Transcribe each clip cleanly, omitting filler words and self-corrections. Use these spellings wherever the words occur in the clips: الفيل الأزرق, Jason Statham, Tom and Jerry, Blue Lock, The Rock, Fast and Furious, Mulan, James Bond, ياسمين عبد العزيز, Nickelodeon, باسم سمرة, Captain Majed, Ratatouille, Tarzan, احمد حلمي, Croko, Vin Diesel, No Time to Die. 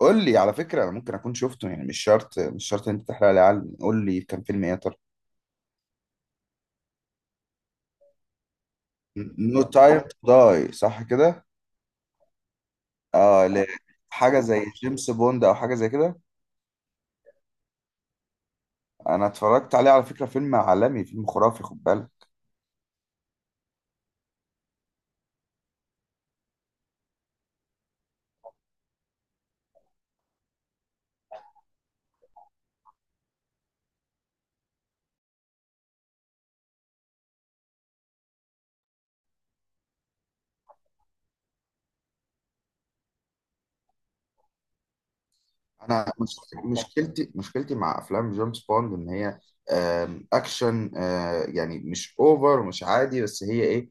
قول لي على فكرة، أنا ممكن أكون شفته. يعني مش شرط، مش شرط إن أنت تحرق لي. علم قول لي كان فيلم إيه يا ترى. نو تايم تو داي، صح كده؟ آه ل- حاجة زي جيمس بوند أو حاجة زي كده. أنا اتفرجت عليه على فكرة، فيلم عالمي، فيلم خرافي، خد بالك. انا مش- مشكلتي، مشكلتي مع افلام جيمس بوند ان هي اكشن، يعني مش اوفر ومش عادي، بس هي ايه؟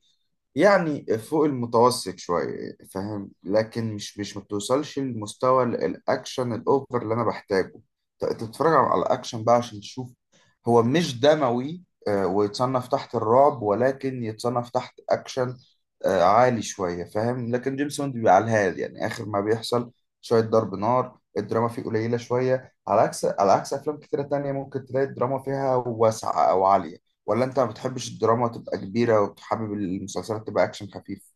يعني فوق المتوسط شويه، فاهم؟ لكن مش ما بتوصلش لمستوى الاكشن الاوفر اللي انا بحتاجه. تتفرج على الاكشن بقى عشان تشوف. هو مش دموي، ويتصنف تحت الرعب، ولكن يتصنف تحت اكشن عالي شويه، فاهم؟ لكن جيمس بوند بيبقى على الهادي، يعني اخر ما بيحصل شويه ضرب نار. الدراما فيه قليلة شوية، على عكس، على عكس أفلام كتيرة تانية ممكن تلاقي الدراما فيها واسعة أو عالية. ولا أنت ما بتحبش الدراما تبقى كبيرة وتحبب المسلسلات تبقى أكشن خفيف؟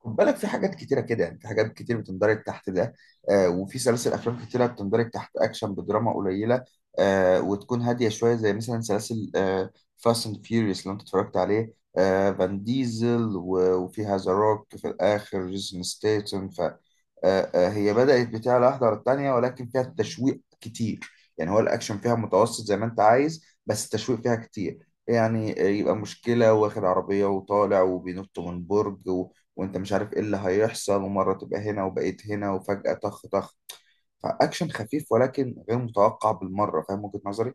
خد بالك، في حاجات كتيرة كده، يعني في حاجات كتير بتندرج تحت ده. آه، وفي سلاسل أفلام كتيرة بتندرج تحت أكشن بدراما قليلة، آه، وتكون هادية شوية، زي مثلا سلاسل فاست أند فيوريوس اللي أنت اتفرجت عليه، آه، فان ديزل وفيها ذا روك، في الآخر جيسون ستيتون، ف آه آه هي بدأت بتاع واحدة على التانية، ولكن فيها تشويق كتير. يعني هو الأكشن فيها متوسط زي ما أنت عايز، بس التشويق فيها كتير، يعني، يبقى مشكلة واخد عربية وطالع وبينط من برج، وانت مش عارف ايه اللي هيحصل، ومرة تبقى هنا وبقيت هنا وفجأة طخ طخ. فأكشن خفيف ولكن غير متوقع بالمرة، فاهم وجهة نظري؟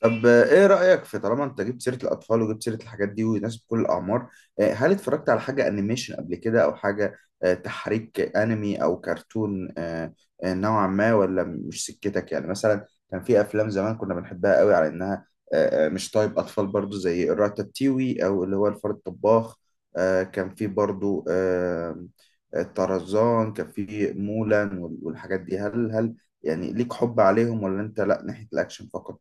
طب، ايه رأيك في، طالما انت جبت سيرة الأطفال وجبت سيرة الحاجات دي وناس بكل الأعمار، هل اتفرجت على حاجة أنيميشن قبل كده، أو حاجة تحريك، أنمي أو كرتون نوعا ما، ولا مش سكتك؟ يعني مثلا كان في أفلام زمان كنا بنحبها قوي، على إنها مش طيب أطفال، برضو، زي الراتاتيوي، أو اللي هو الفار الطباخ. كان في برضو طرزان، كان في مولان، والحاجات دي. هل يعني ليك حب عليهم، ولا أنت لأ، ناحية الأكشن فقط؟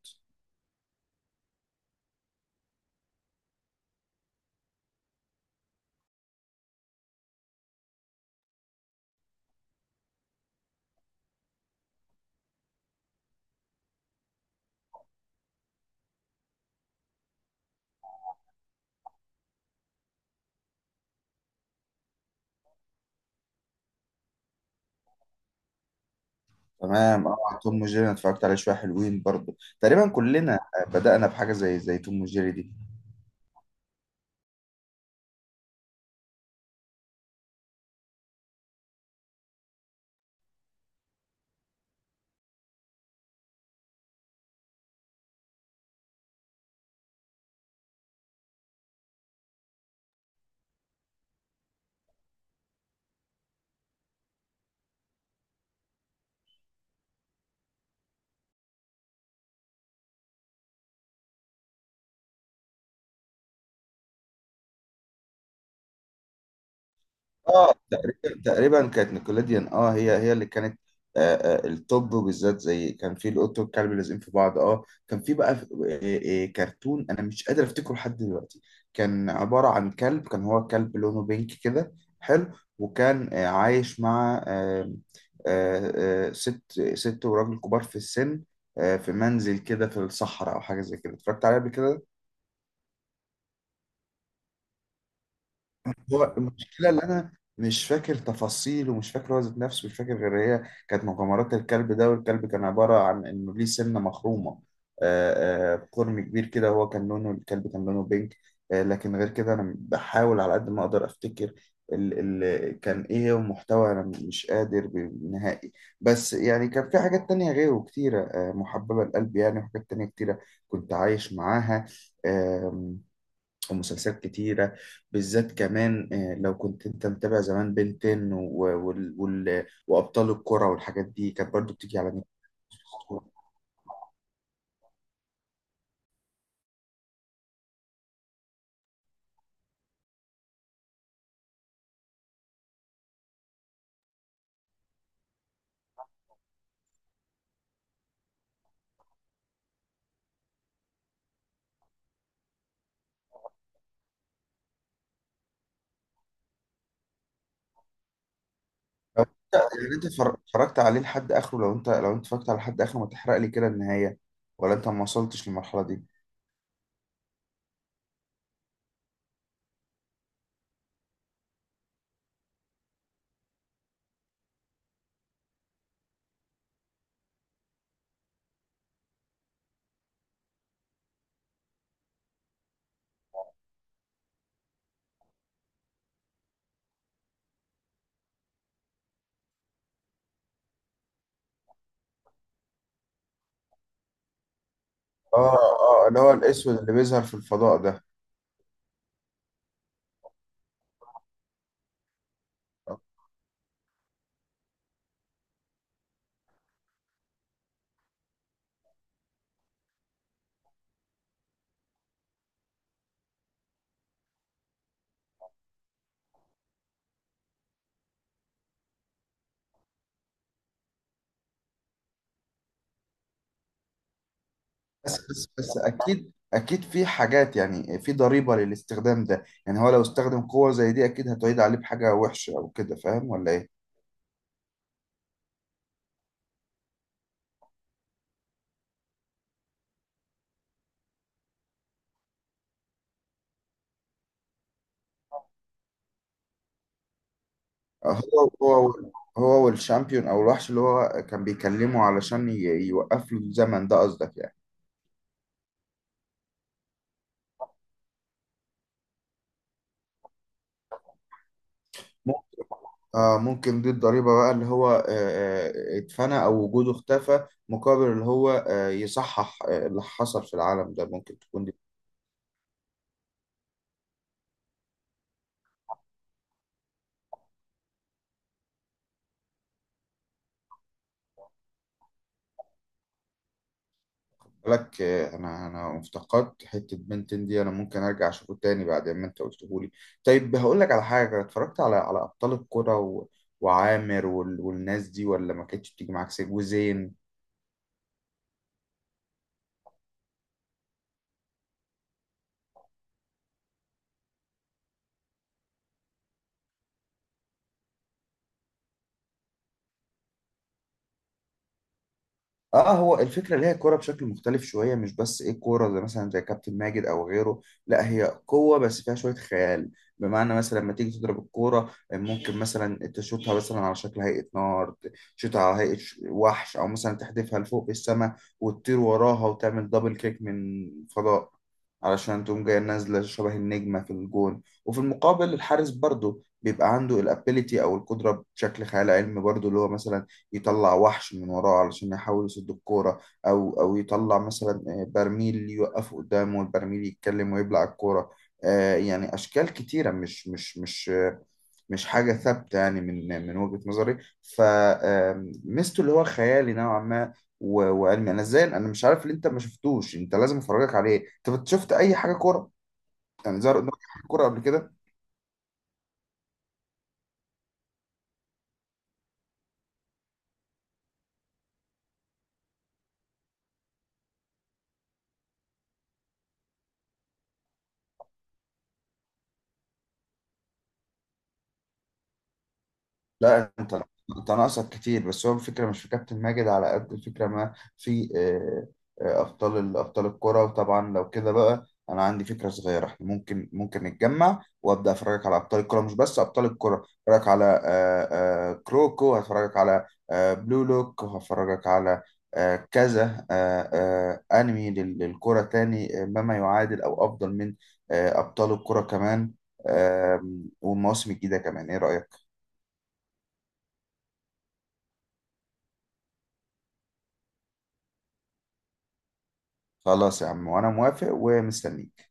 تمام، اه، توم وجيري، انا اتفرجت عليه شويه، حلوين برضه. تقريبا كلنا بدأنا بحاجه زي توم وجيري دي. اه، تقريبا، تقريبا كانت نيكوليديان، اه، هي اللي كانت التوب. وبالذات زي كان في القط والكلب لازقين في بعض، اه، كان في بقى، كرتون انا مش قادر افتكره لحد دلوقتي. كان عبارة عن كلب، كان هو كلب لونه بينك كده، حلو، وكان عايش مع آه ست، ست وراجل كبار في السن، في منزل كده في الصحراء او حاجة زي كده. اتفرجت عليه قبل كده. هو المشكلة، اللي أنا مش فاكر تفاصيل، ومش فاكر هو ذات نفسه، مش فاكر غير هي كانت مغامرات الكلب ده، والكلب كان عبارة عن إنه ليه سنة مخرومة، قرن كبير كده. هو كان لونه، الكلب كان لونه بينك، آه، لكن غير كده أنا بحاول على قد ما أقدر أفتكر ال كان إيه هو المحتوى. أنا مش قادر نهائي. بس يعني كان في حاجات تانية غيره كتيرة، محببة لقلبي يعني، وحاجات تانية كتيرة كنت عايش معاها، ومسلسلات كتيرة بالذات كمان. لو كنت انت متابع زمان، بنتين وابطال الكرة والحاجات دي كانت برضو بتيجي على نيكلوديون. لو انت يعني انت اتفرجت عليه لحد اخره، لو انت، لو انت اتفرجت على لحد اخره، ما تحرق لي كده النهاية، ولا انت ما وصلتش للمرحلة دي؟ اه، اه، اللي هو الاسود اللي بيظهر في الفضاء ده. بس بس بس، اكيد اكيد في حاجات، يعني في ضريبة للاستخدام ده، يعني هو لو استخدم قوة زي دي اكيد هتعيد عليه بحاجة وحشة او كده، فاهم ولا ايه؟ هو هو هو والشامبيون، او الوحش اللي هو كان بيكلمه علشان يوقف له الزمن ده، قصدك يعني؟ مم- آه، ممكن دي الضريبة بقى، اللي هو، اتفنى او وجوده اختفى، مقابل اللي هو، يصحح، اللي حصل في العالم ده. ممكن تكون دي. بالنسبة لك، انا، انا افتقدت حتة بنتين دي، انا ممكن ارجع اشوفه تاني بعد ما انت قلته لي. طيب هقول لك على حاجة، اتفرجت على، على ابطال الكرة وعامر والناس دي، ولا ما كانتش بتيجي معاك سكة وزين؟ اه، هو الفكره اللي هي كوره بشكل مختلف شويه. مش بس ايه كوره زي مثلا زي كابتن ماجد او غيره، لا، هي قوه بس فيها شويه خيال. بمعنى مثلا، لما تيجي تضرب الكوره ممكن مثلا تشوطها مثلا على شكل هيئه نار، تشوطها على هيئه وحش، او مثلا تحدفها لفوق في السماء وتطير وراها وتعمل دبل كيك من فضاء علشان تقوم جايه نازله شبه النجمه في الجون. وفي المقابل الحارس برضه بيبقى عنده الابيليتي او القدره بشكل خيال علمي برضه، اللي هو مثلا يطلع وحش من وراه علشان يحاول يصد الكورة، أو يطلع مثلا برميل يوقفه قدامه، والبرميل يتكلم ويبلع الكورة. يعني أشكال كتيرة، مش حاجة ثابتة يعني، من وجهة نظري. فميزته اللي هو خيالي نوعا ما، وعلمي. أنا إزاي، أنا مش عارف اللي أنت ما شفتوش، أنت لازم أفرجك عليه. أنت شفت أي حاجة كورة يعني زهر قدامك، حاجة كورة قبل كده؟ لا انت ناقصك كتير، بس هو الفكره مش في كابتن ماجد على قد الفكره ما في، ابطال ابطال الكره. وطبعا لو كده بقى انا عندي فكره صغيره، احنا ممكن، ممكن نتجمع وابدا افرجك على ابطال الكره. مش بس ابطال الكره، افرجك على، كروكو، هفرجك على بلو لوك، وهفرجك على كذا انمي للكره تاني، ما يعادل او افضل من ابطال الكره كمان، آه، والمواسم الجديده كمان، ايه رايك؟ خلاص يا عم، وانا موافق ومستنيك.